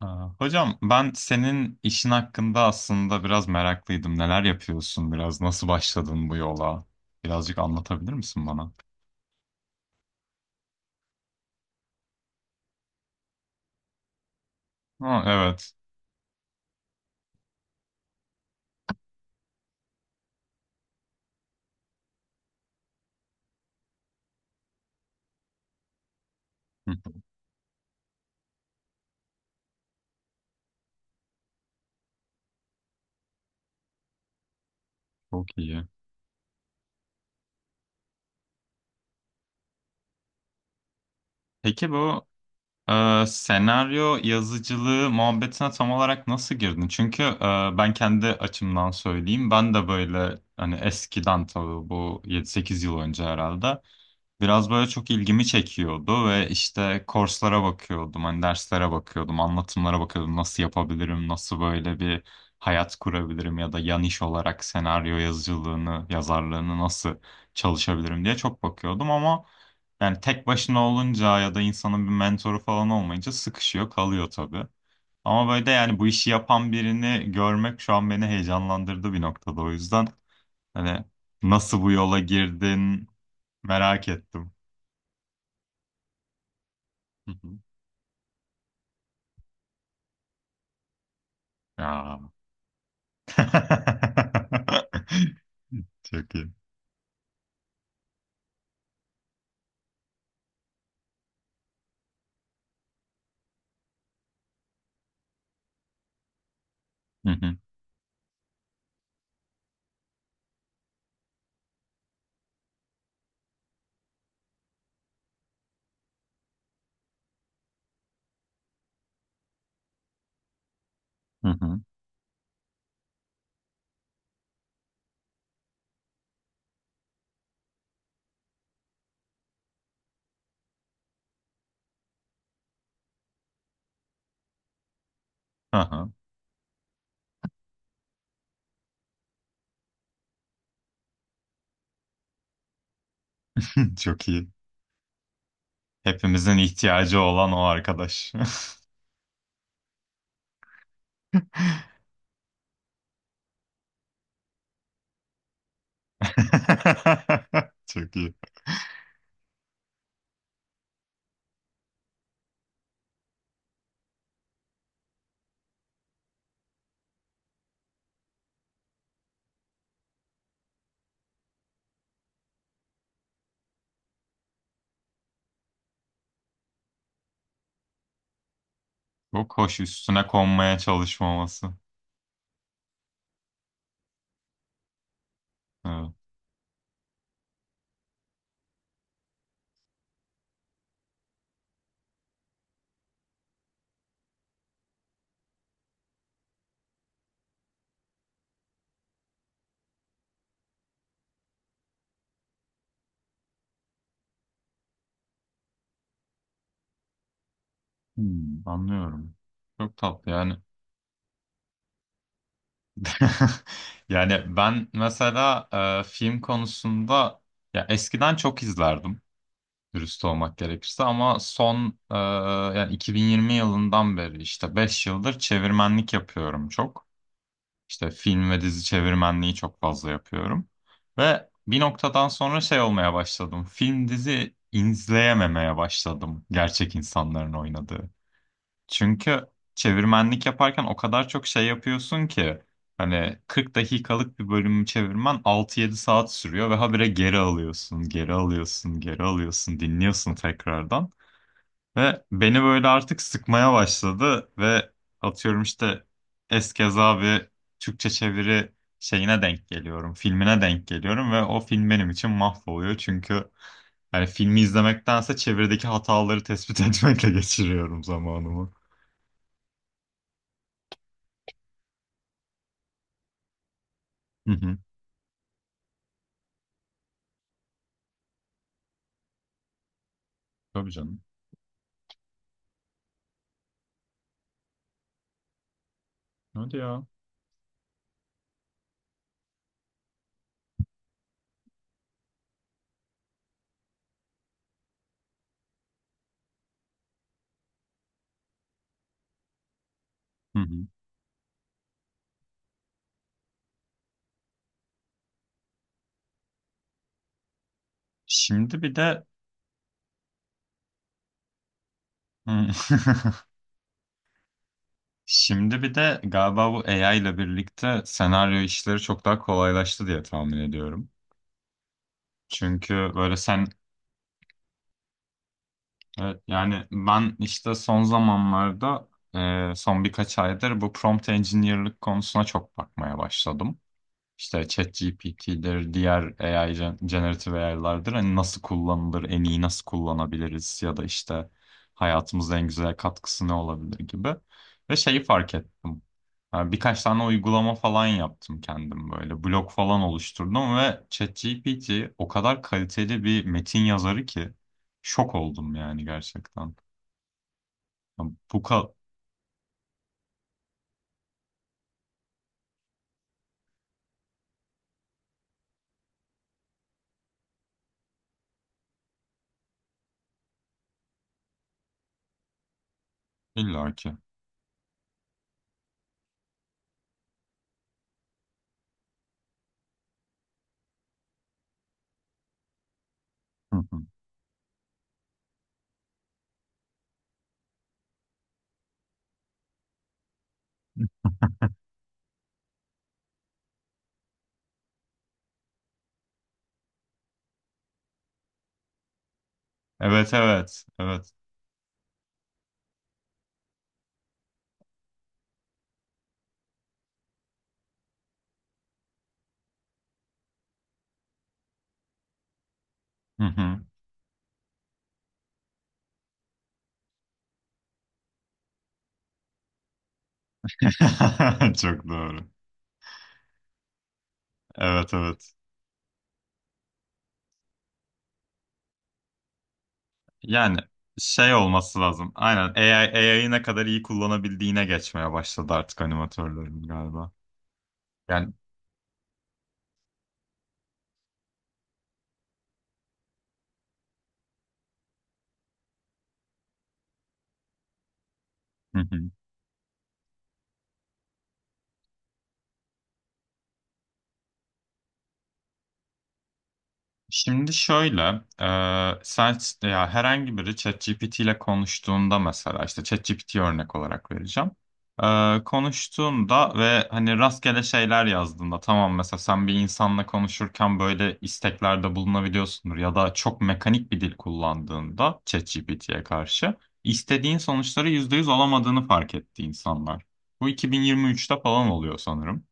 Hocam ben senin işin hakkında aslında biraz meraklıydım. Neler yapıyorsun biraz? Nasıl başladın bu yola? Birazcık anlatabilir misin bana? Ha, evet. Hı. Çok iyi. Peki bu senaryo yazıcılığı muhabbetine tam olarak nasıl girdin? Çünkü ben kendi açımdan söyleyeyim. Ben de böyle hani eskiden tabii bu 7-8 yıl önce herhalde biraz böyle çok ilgimi çekiyordu ve işte kurslara bakıyordum, hani derslere bakıyordum, anlatımlara bakıyordum. Nasıl yapabilirim, nasıl böyle bir hayat kurabilirim ya da yan iş olarak senaryo yazıcılığını, yazarlığını nasıl çalışabilirim diye çok bakıyordum ama yani tek başına olunca ya da insanın bir mentoru falan olmayınca sıkışıyor, kalıyor tabii. Ama böyle de yani bu işi yapan birini görmek şu an beni heyecanlandırdı bir noktada o yüzden. Hani nasıl bu yola girdin merak ettim. Hı hı. Aa. Çok iyi. Hı hı. Hı hı. Aha. Çok iyi. Hepimizin ihtiyacı olan o arkadaş. Çok iyi. Çok hoş üstüne konmaya çalışmaması. Evet. Hmm, anlıyorum. Çok tatlı yani. Yani ben mesela film konusunda ya eskiden çok izlerdim, dürüst olmak gerekirse ama yani 2020 yılından beri işte 5 yıldır çevirmenlik yapıyorum çok. İşte film ve dizi çevirmenliği çok fazla yapıyorum. Ve bir noktadan sonra şey olmaya başladım. Film dizi izleyememeye başladım gerçek insanların oynadığı. Çünkü çevirmenlik yaparken o kadar çok şey yapıyorsun ki hani 40 dakikalık bir bölümü çevirmen 6-7 saat sürüyor ve habire geri alıyorsun, dinliyorsun tekrardan. Ve beni böyle artık sıkmaya başladı ve atıyorum işte eskeza bir Türkçe çeviri şeyine denk geliyorum, filmine denk geliyorum ve o film benim için mahvoluyor çünkü hani filmi izlemektense çevirideki hataları tespit etmekle geçiriyorum zamanımı. Tabii canım. Hadi ya. Hı hı. Şimdi bir de Hı. Şimdi bir de galiba bu AI ile birlikte senaryo işleri çok daha kolaylaştı diye tahmin ediyorum. Çünkü böyle sen evet, yani ben işte son zamanlarda son birkaç aydır bu prompt engineer'lık konusuna çok bakmaya başladım. İşte ChatGPT'dir, diğer generative AI'lardır. Hani nasıl kullanılır, en iyi nasıl kullanabiliriz ya da işte hayatımıza en güzel katkısı ne olabilir gibi. Ve şeyi fark ettim. Yani birkaç tane uygulama falan yaptım kendim böyle. Blog falan oluşturdum ve ChatGPT o kadar kaliteli bir metin yazarı ki şok oldum yani gerçekten. Ya bu kadar illa ki. Hı hı. Evet evet evet. Hı hı. Çok doğru. Evet evet. Yani şey olması lazım. Aynen AI'yi ne kadar iyi kullanabildiğine geçmeye başladı artık animatörlerin galiba. Yani şimdi şöyle, sen ya herhangi biri ChatGPT ile konuştuğunda mesela işte ChatGPT örnek olarak vereceğim. Konuştuğunda ve hani rastgele şeyler yazdığında tamam mesela sen bir insanla konuşurken böyle isteklerde bulunabiliyorsundur ya da çok mekanik bir dil kullandığında ChatGPT'ye karşı istediğin sonuçları %100 alamadığını fark etti insanlar. Bu 2023'te falan oluyor sanırım.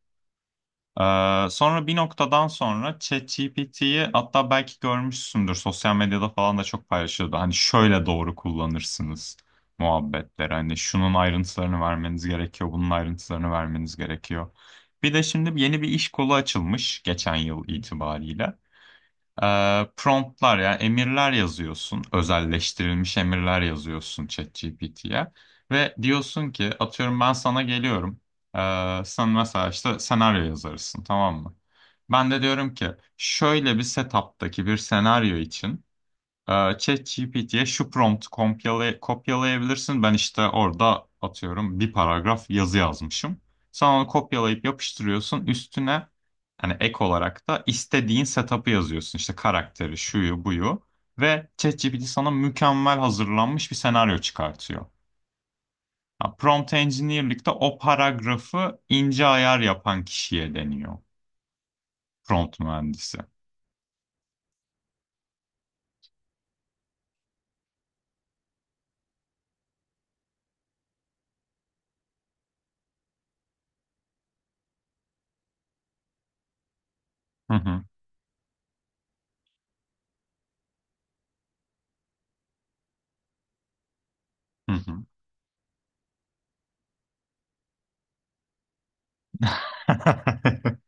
Sonra bir noktadan sonra ChatGPT'yi hatta belki görmüşsündür sosyal medyada falan da çok paylaşıyordu. Hani şöyle doğru kullanırsınız muhabbetleri. Hani şunun ayrıntılarını vermeniz gerekiyor, bunun ayrıntılarını vermeniz gerekiyor. Bir de şimdi yeni bir iş kolu açılmış geçen yıl itibariyle. Promptlar yani emirler yazıyorsun. Özelleştirilmiş emirler yazıyorsun ChatGPT'ye. Ve diyorsun ki atıyorum ben sana geliyorum. Sen mesela işte senaryo yazarısın tamam mı? Ben de diyorum ki şöyle bir setup'taki bir senaryo için ee, ChatGPT'ye şu kopyalayabilirsin. Ben işte orada atıyorum bir paragraf yazı yazmışım. Sen onu kopyalayıp yapıştırıyorsun. Üstüne hani ek olarak da istediğin setup'ı yazıyorsun. İşte karakteri, şuyu, buyu. Ve ChatGPT sana mükemmel hazırlanmış bir senaryo çıkartıyor. Ha, prompt engineer'likte o paragrafı ince ayar yapan kişiye deniyor. Prompt mühendisi. Hı hı, hı hı.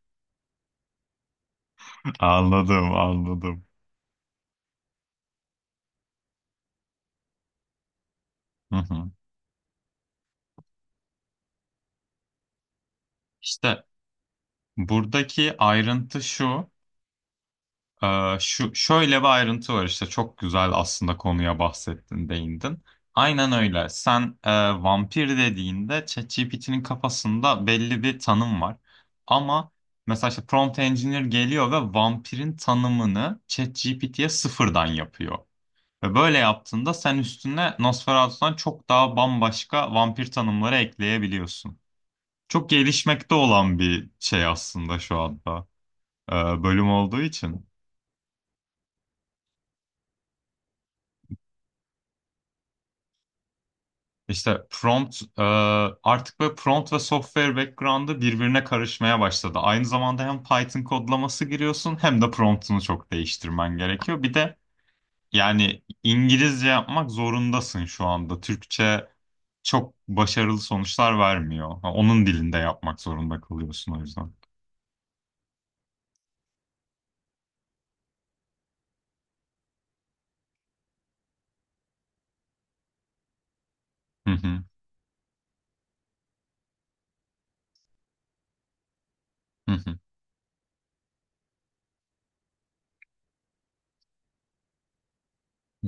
Anladım, anladım. Hı hı. İşte buradaki ayrıntı şu, e, şu şöyle bir ayrıntı var işte çok güzel aslında konuya bahsettin, değindin. Aynen öyle. Sen vampir dediğinde ChatGPT'nin kafasında belli bir tanım var. Ama mesela işte prompt engineer geliyor ve vampirin tanımını ChatGPT'ye sıfırdan yapıyor. Ve böyle yaptığında sen üstüne Nosferatu'dan çok daha bambaşka vampir tanımları ekleyebiliyorsun. Çok gelişmekte olan bir şey aslında şu anda e, bölüm olduğu için. İşte artık böyle prompt ve software background'ı birbirine karışmaya başladı. Aynı zamanda hem Python kodlaması giriyorsun hem de prompt'unu çok değiştirmen gerekiyor. Bir de yani İngilizce yapmak zorundasın şu anda. Türkçe çok başarılı sonuçlar vermiyor. Ha, onun dilinde yapmak zorunda kalıyorsun o yüzden. Hı hı, hı hı.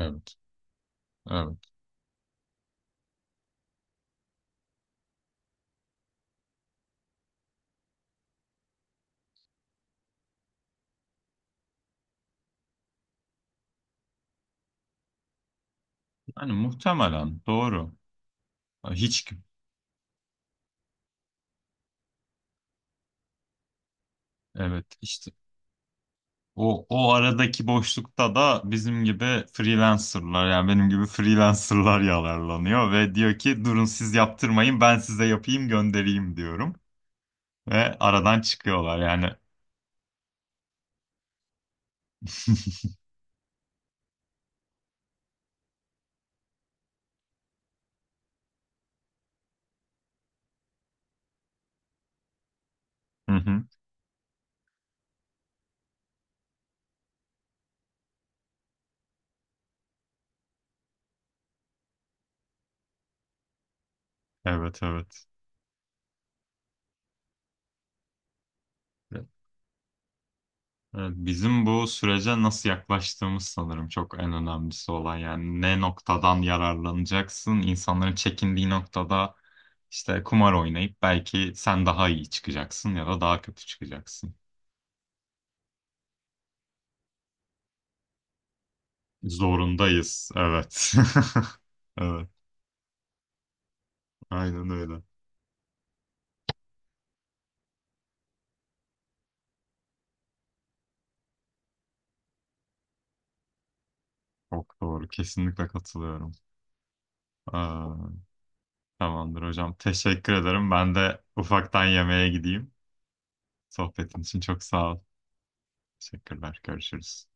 Evet, evet. Yani muhtemelen doğru. Hiç evet işte O aradaki boşlukta da bizim gibi freelancerlar yani benim gibi freelancerlar yalarlanıyor ve diyor ki durun siz yaptırmayın ben size yapayım göndereyim diyorum ve aradan çıkıyorlar yani. Hı hı. Evet evet. Evet, bizim bu sürece nasıl yaklaştığımız sanırım çok en önemlisi olan yani ne noktadan yararlanacaksın insanların çekindiği noktada işte kumar oynayıp belki sen daha iyi çıkacaksın ya da daha kötü çıkacaksın. Zorundayız. Evet. Evet. Aynen öyle. Çok doğru. Kesinlikle katılıyorum. Aa, tamamdır hocam. Teşekkür ederim. Ben de ufaktan yemeğe gideyim. Sohbetin için çok sağ ol. Teşekkürler. Görüşürüz.